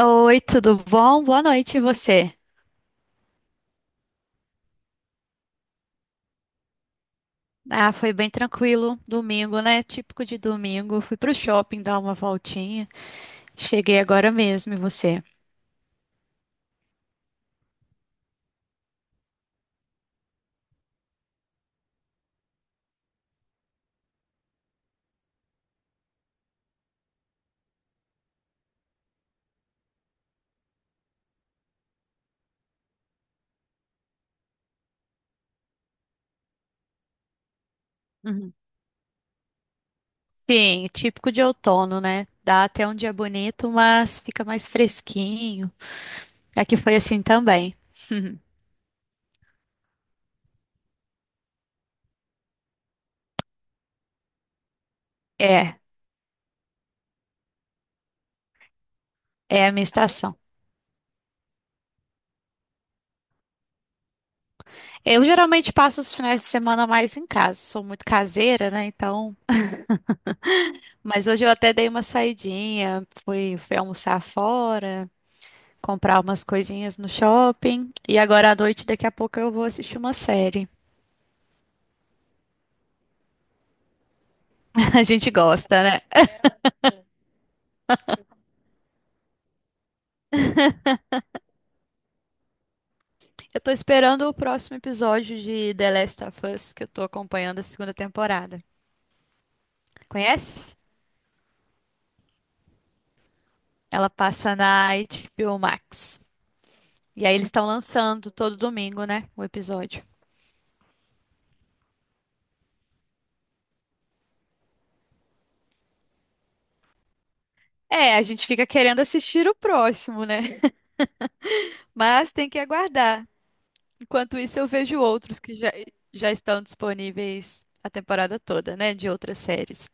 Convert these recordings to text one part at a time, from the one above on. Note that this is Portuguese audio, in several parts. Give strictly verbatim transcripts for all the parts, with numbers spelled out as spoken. Oi, tudo bom? Boa noite, e você? Ah, foi bem tranquilo, domingo, né? Típico de domingo. Fui pro shopping dar uma voltinha. Cheguei agora mesmo, e você? Uhum. Sim, típico de outono, né? Dá até um dia bonito, mas fica mais fresquinho. Aqui foi assim também. É, é a minha estação. Eu geralmente passo os finais de semana mais em casa, sou muito caseira, né? Então, mas hoje eu até dei uma saidinha, fui, fui almoçar fora, comprar umas coisinhas no shopping. E agora à noite, daqui a pouco, eu vou assistir uma série. A gente gosta, né? Eu tô esperando o próximo episódio de The Last of Us, que eu tô acompanhando a segunda temporada. Conhece? Ela passa na H B O Max. E aí eles estão lançando todo domingo, né? O episódio. É, a gente fica querendo assistir o próximo, né? Mas tem que aguardar. Enquanto isso, eu vejo outros que já, já estão disponíveis a temporada toda, né? De outras séries.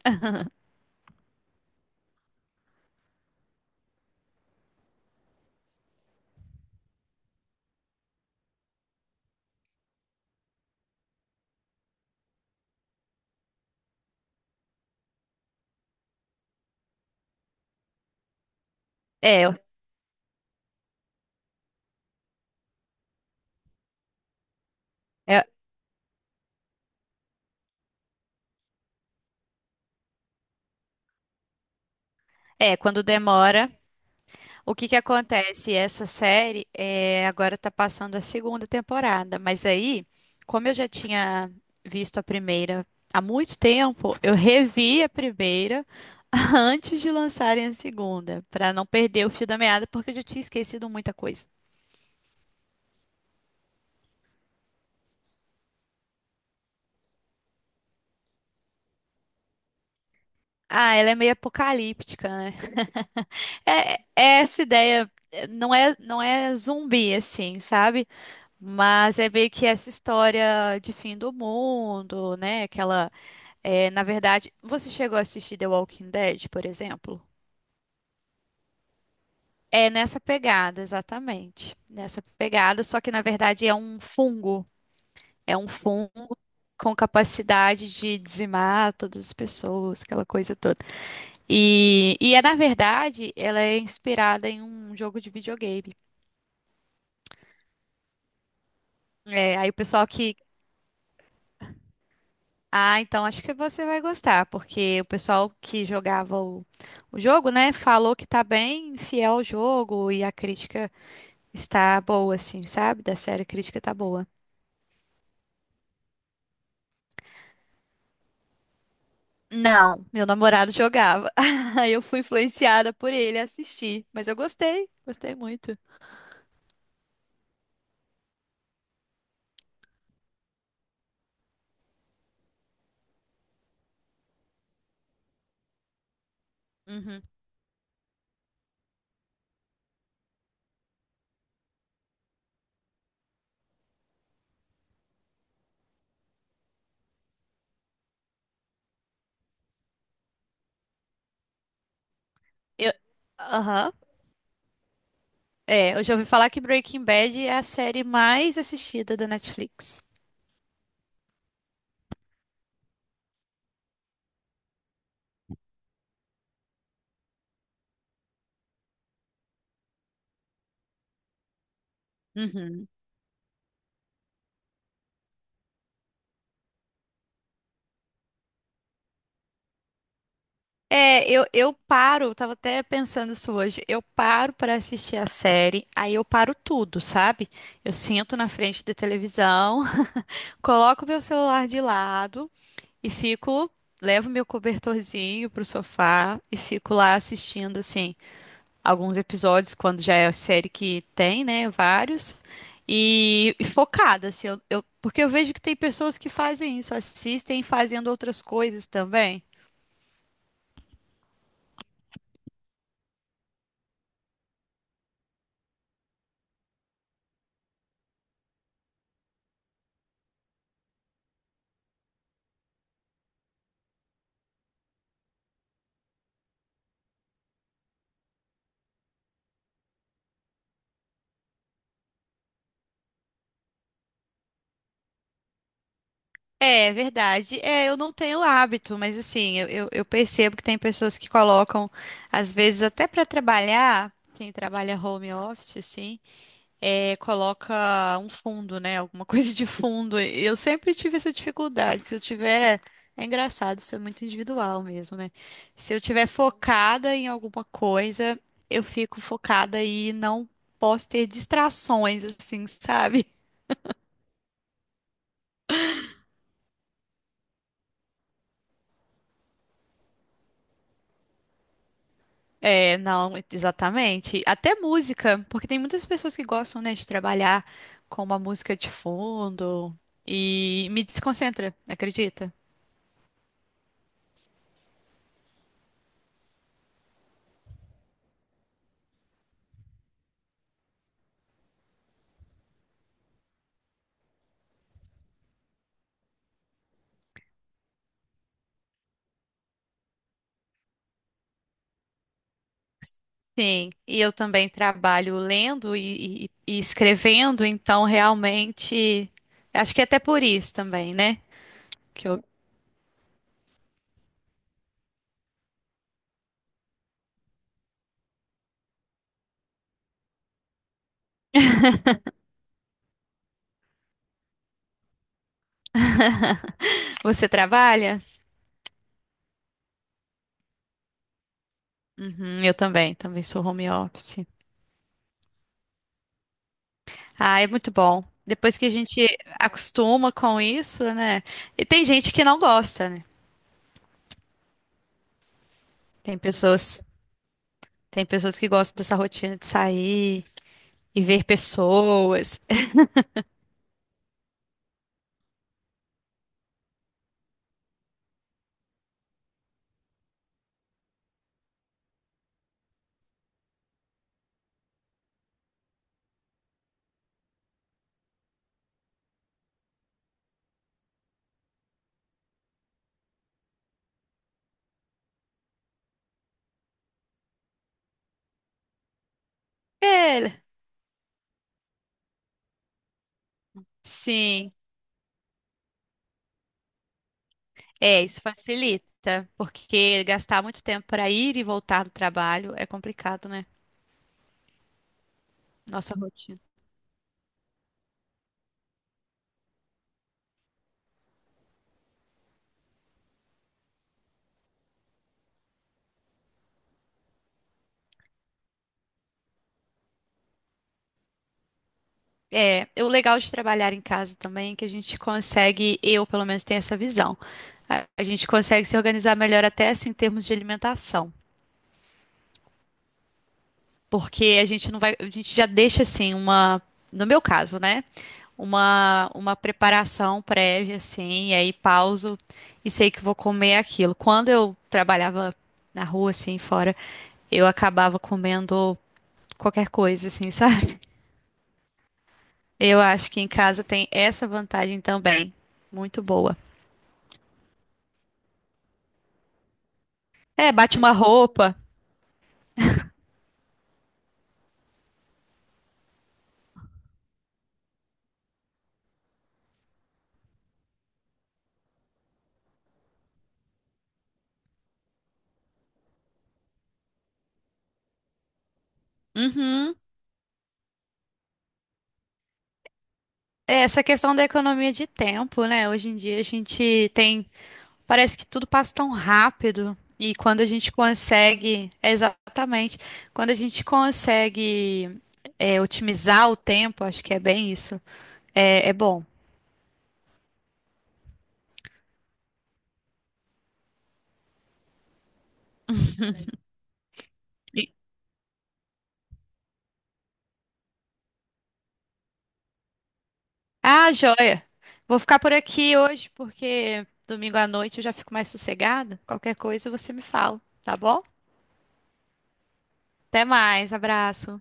É, é é, quando demora, o que que acontece? Essa série é, agora tá passando a segunda temporada, mas aí, como eu já tinha visto a primeira há muito tempo, eu revi a primeira antes de lançarem a segunda, pra não perder o fio da meada, porque eu já tinha esquecido muita coisa. Ah, ela é meio apocalíptica, né? É, é essa ideia, é, não é, não é zumbi assim, sabe? Mas é meio que essa história de fim do mundo, né? Aquela é, na verdade, você chegou a assistir The Walking Dead, por exemplo? É nessa pegada, exatamente. Nessa pegada, só que na verdade é um fungo. É um fungo com capacidade de dizimar todas as pessoas, aquela coisa toda. E, e é, na verdade, ela é inspirada em um jogo de videogame. É, aí o pessoal que. Ah, então acho que você vai gostar, porque o pessoal que jogava o, o jogo, né, falou que tá bem fiel ao jogo e a crítica. Está boa, assim, sabe? Da série a crítica tá boa. Não, meu namorado jogava. Aí eu fui influenciada por ele a assistir. Mas eu gostei, gostei muito. Uhum. Eu... Aham. É, eu já ouvi falar que Breaking Bad é a série mais assistida da Netflix. Uhum. É, eu, eu paro, eu tava até pensando isso hoje. Eu paro para assistir a série, aí eu paro tudo, sabe? Eu sento na frente da televisão, coloco meu celular de lado. E fico, levo meu cobertorzinho pro sofá e fico lá assistindo, assim, alguns episódios, quando já é a série que tem, né? Vários. E, e focada, assim, eu, eu- porque eu vejo que tem pessoas que fazem isso, assistem fazendo outras coisas também. É é verdade. É, eu não tenho hábito, mas assim, eu, eu- eu percebo que tem pessoas que colocam, às vezes até para trabalhar, quem trabalha home office, assim, é, coloca um fundo, né? Alguma coisa de fundo. Eu sempre tive essa dificuldade. Se eu tiver. É engraçado, isso é muito individual mesmo, né? Se eu tiver focada em alguma coisa, eu fico focada e não posso ter distrações, assim, sabe? É, não, exatamente. Até música, porque tem muitas pessoas que gostam, né, de trabalhar com uma música de fundo e me desconcentra, acredita? Sim, e eu também trabalho lendo e, e- e escrevendo, então realmente acho que é até por isso também, né? Que eu... Você trabalha? Uhum, eu também, também sou home office. Ah, é muito bom. Depois que a gente acostuma com isso, né? E tem gente que não gosta, né? Tem pessoas, tem pessoas que gostam dessa rotina de sair e ver pessoas. É, sim. É, isso facilita, porque gastar muito tempo para ir e voltar do trabalho é complicado, né? Nossa rotina. É, e o legal de trabalhar em casa também é que a gente consegue, eu pelo menos tenho essa visão, a, a gente consegue se organizar melhor até assim, em termos de alimentação, porque a gente não vai, a gente já deixa assim uma, no meu caso, né? Uma, uma preparação prévia assim, e aí pauso e sei que vou comer aquilo. Quando eu trabalhava na rua assim, fora eu acabava comendo qualquer coisa, assim, sabe? Eu acho que em casa tem essa vantagem também. Muito boa. É, bate uma roupa. Uhum. É, essa questão da economia de tempo, né? Hoje em dia a gente tem. Parece que tudo passa tão rápido. E quando a gente consegue. É, exatamente. Quando a gente consegue é, otimizar o tempo, acho que é bem isso. É, é bom. Ah, joia. Vou ficar por aqui hoje porque domingo à noite eu já fico mais sossegada. Qualquer coisa você me fala, tá bom? Até mais, abraço.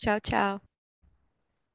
Tchau, tchau.